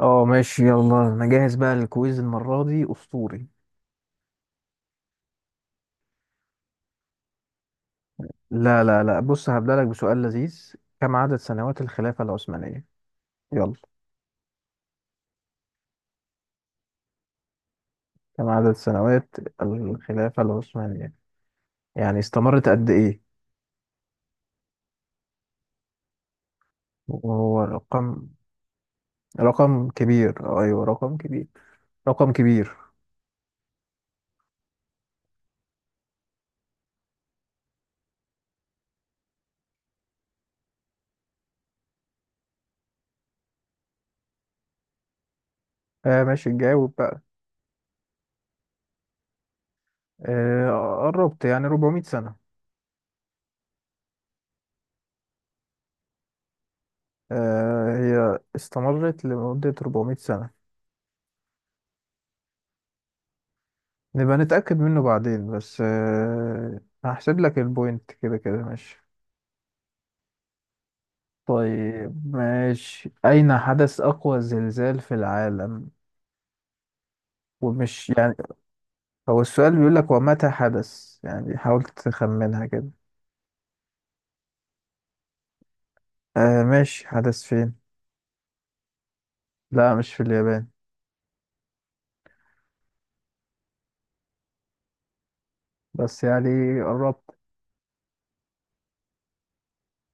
اه، ماشي، يلا انا جاهز بقى للكويز المرة دي اسطوري. لا، لا، لا، بص هبدأ لك بسؤال لذيذ. كم عدد سنوات الخلافة العثمانية؟ يلا. كم عدد سنوات الخلافة العثمانية؟ يعني استمرت قد ايه؟ وهو رقم كبير. ايوه، رقم كبير. رقم كبير. آه، ماشي، جاوب بقى. آه، قربت يعني 400 سنة. آه، هي استمرت لمدة 400 سنة. نبقى نتأكد منه بعدين بس. هحسب لك البوينت كده كده. ماشي. طيب، ماشي، أين حدث أقوى زلزال في العالم؟ ومش يعني، هو السؤال بيقول لك ومتى حدث. يعني حاول تخمنها كده. آه، ماشي، حدث فين؟ لا، مش في اليابان. بس يعني قربت.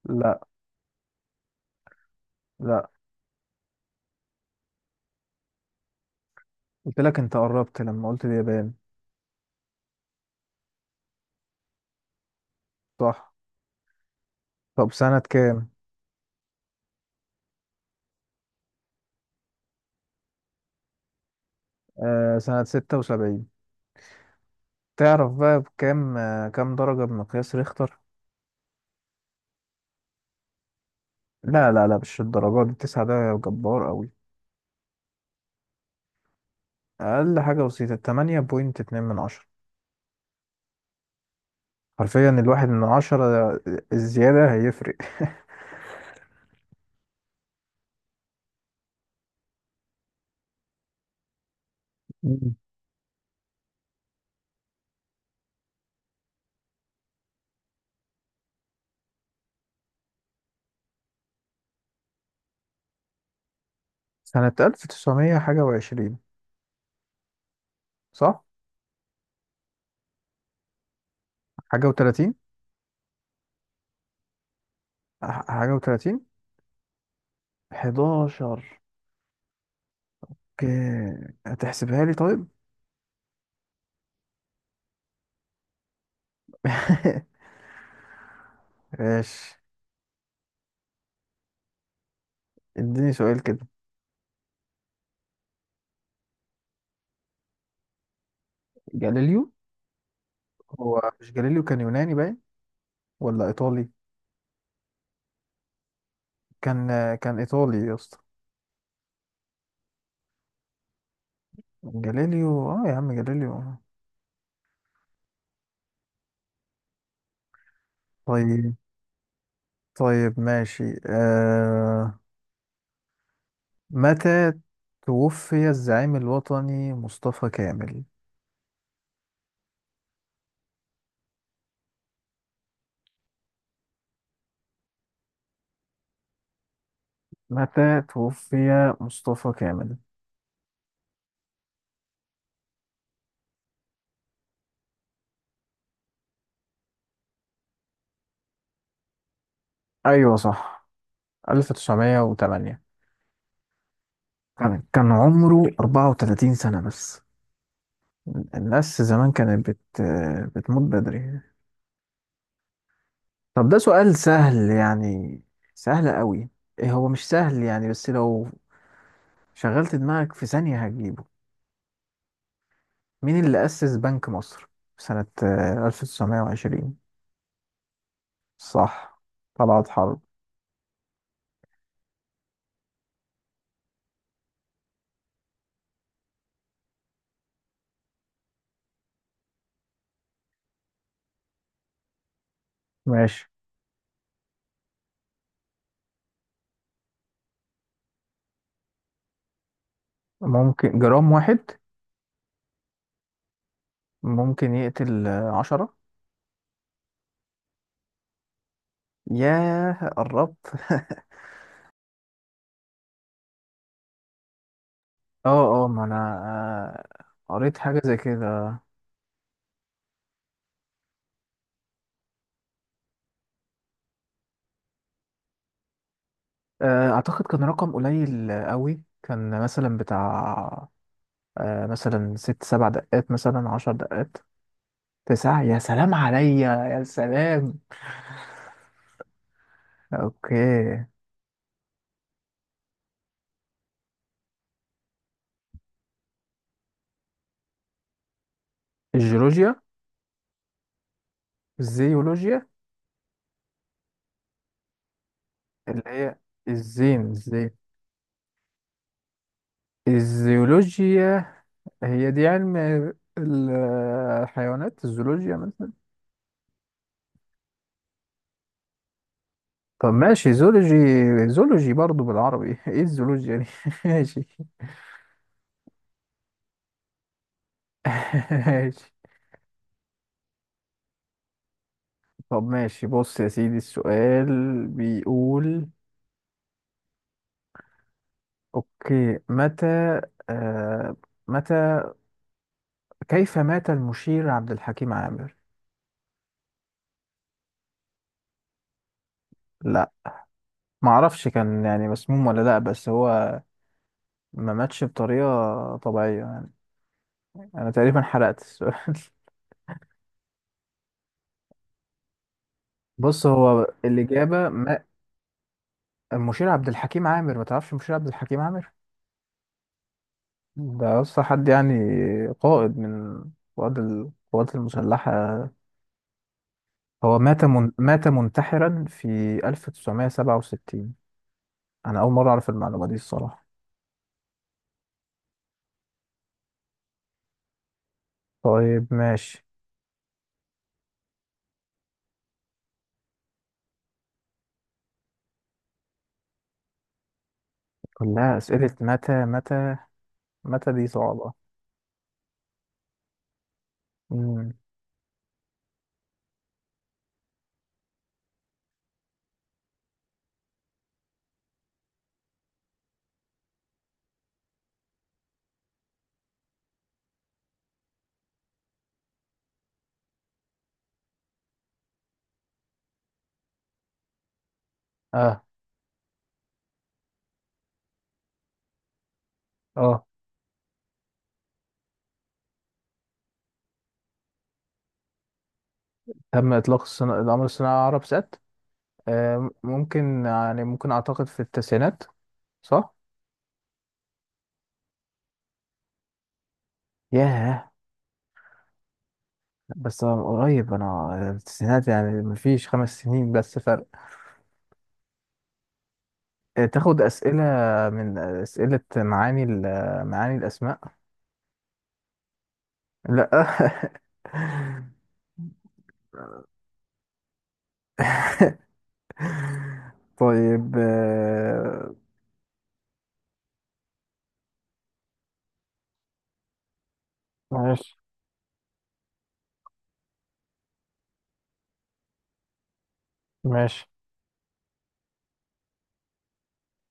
لا، لا، قلت لك انت قربت لما قلت اليابان. صح. طب سنة كام؟ آه، سنة 76. تعرف بقى بكام، كام درجة بمقياس ريختر؟ لا، لا، لا، مش الدرجات دي، التسعة ده جبار قوي. أقل حاجة بسيطة 8.2 من 10. حرفيا 1 من 10، الزيادة هيفرق. مم. سنة ألف تسعمية حاجة وعشرين. صح؟ حاجة وتلاتين. حاجة وتلاتين. حداشر. اوكي، هتحسبها لي طيب؟ ماشي. اديني سؤال كده. جاليليو. هو مش جاليليو كان يوناني باين، ولا إيطالي؟ كان كان إيطالي يا اسطى. جاليليو، اه، يا عم، جاليليو. طيب. طيب، ماشي. متى توفي الزعيم الوطني مصطفى كامل؟ متى توفي مصطفى كامل؟ أيوة صح، 1908. كان عمره 34 سنة بس. الناس زمان بتموت بدري. طب ده سؤال سهل يعني. سهل قوي. إيه، هو مش سهل يعني، بس لو شغلت دماغك في ثانية هتجيبه. مين اللي أسس بنك مصر في سنة 1920؟ صح، طلعت حرب. ماشي. ممكن جرام واحد. ممكن يقتل عشرة. ياه، قربت. اه، اه، ما انا قريت حاجة زي كده. اعتقد كان رقم قليل قوي، كان مثلا بتاع مثلا ست سبع دقات، مثلا 10 دقات. تسعة، يا سلام عليا، يا سلام. اوكي. الجيولوجيا. الزيولوجيا. اللي هي الزين الزين. الزيولوجيا، هي دي علم الحيوانات، الزولوجيا مثلا. طب ماشي، زولوجي. زولوجي برضو بالعربي. ايه الزولوجيا دي؟ ماشي. ماشي. طب ماشي، بص يا سيدي السؤال بيقول. اوكي، متى، آه متى كيف مات المشير عبد الحكيم عامر؟ لا، معرفش كان يعني مسموم ولا لا، بس هو ما ماتش بطريقة طبيعية يعني. انا تقريبا حرقت السؤال. بص، هو الإجابة. المشير عبد الحكيم عامر، ما تعرفش المشير عبد الحكيم عامر؟ ده اصلا حد يعني، قائد من قواد القوات المسلحة. هو مات منتحرا في 1967. انا اول مرة اعرف المعلومة دي الصراحة. طيب، ماشي. كلها اسئلة متى، متى، متى، دي صعبة. مم. اه، اه، تم القمر الصناعي على عرب سات. آه، ممكن يعني، ممكن اعتقد في التسعينات. صح؟ ياه. بس من قريب، انا التسعينات يعني مفيش 5 سنين بس فرق. تاخد اسئله من اسئله معاني معاني الاسماء؟ لا. طيب. ماشي. ماشي،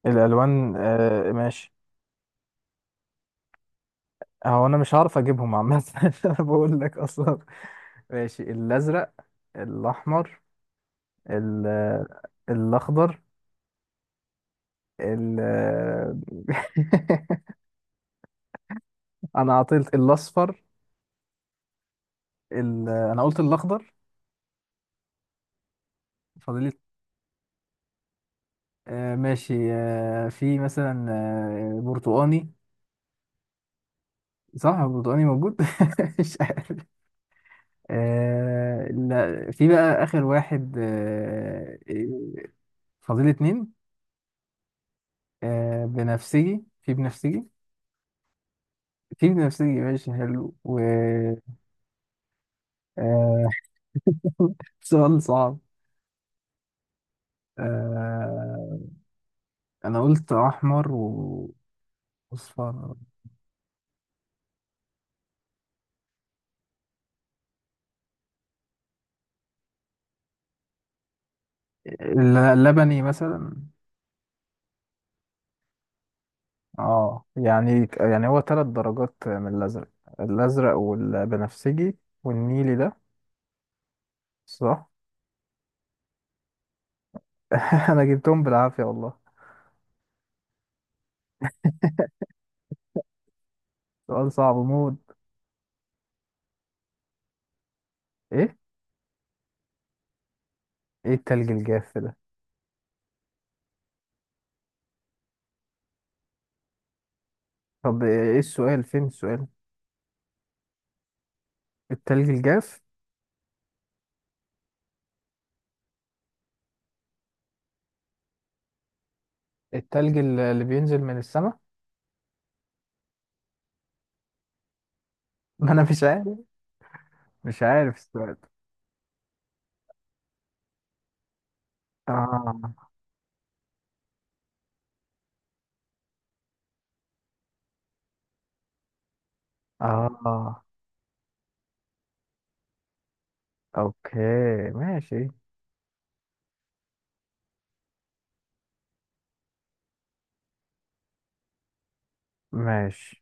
الالوان. ماشي. هو انا مش هعرف اجيبهم عامه. انا بقول لك اصلا. ماشي، الازرق، الاحمر، ال- الاخضر، ال. انا عطيت الاصفر. انا قلت الاخضر. فاضل لي. آه، ماشي. في مثلا برتقاني. صح، هو برتقاني موجود. مش عارف. آه، لا، في بقى آخر واحد. آه إيه، فاضل اتنين. آه، بنفسجي، في بنفسجي. في بنفسجي، ماشي، حلو، و آه سؤال صعب. آه، أنا قلت أحمر وأصفر. لبني مثلا. اه يعني هو ثلاث درجات من الازرق. الازرق والبنفسجي والنيلي ده. صح. انا جبتهم بالعافيه، والله. سؤال صعب موت. ايه. ايه التلج الجاف ده؟ طب ايه، السؤال فين السؤال؟ التلج الجاف. التلج اللي بينزل من السماء. ما انا مش عارف. مش عارف السؤال. اه، اه. اوكي، ماشي. ماشي.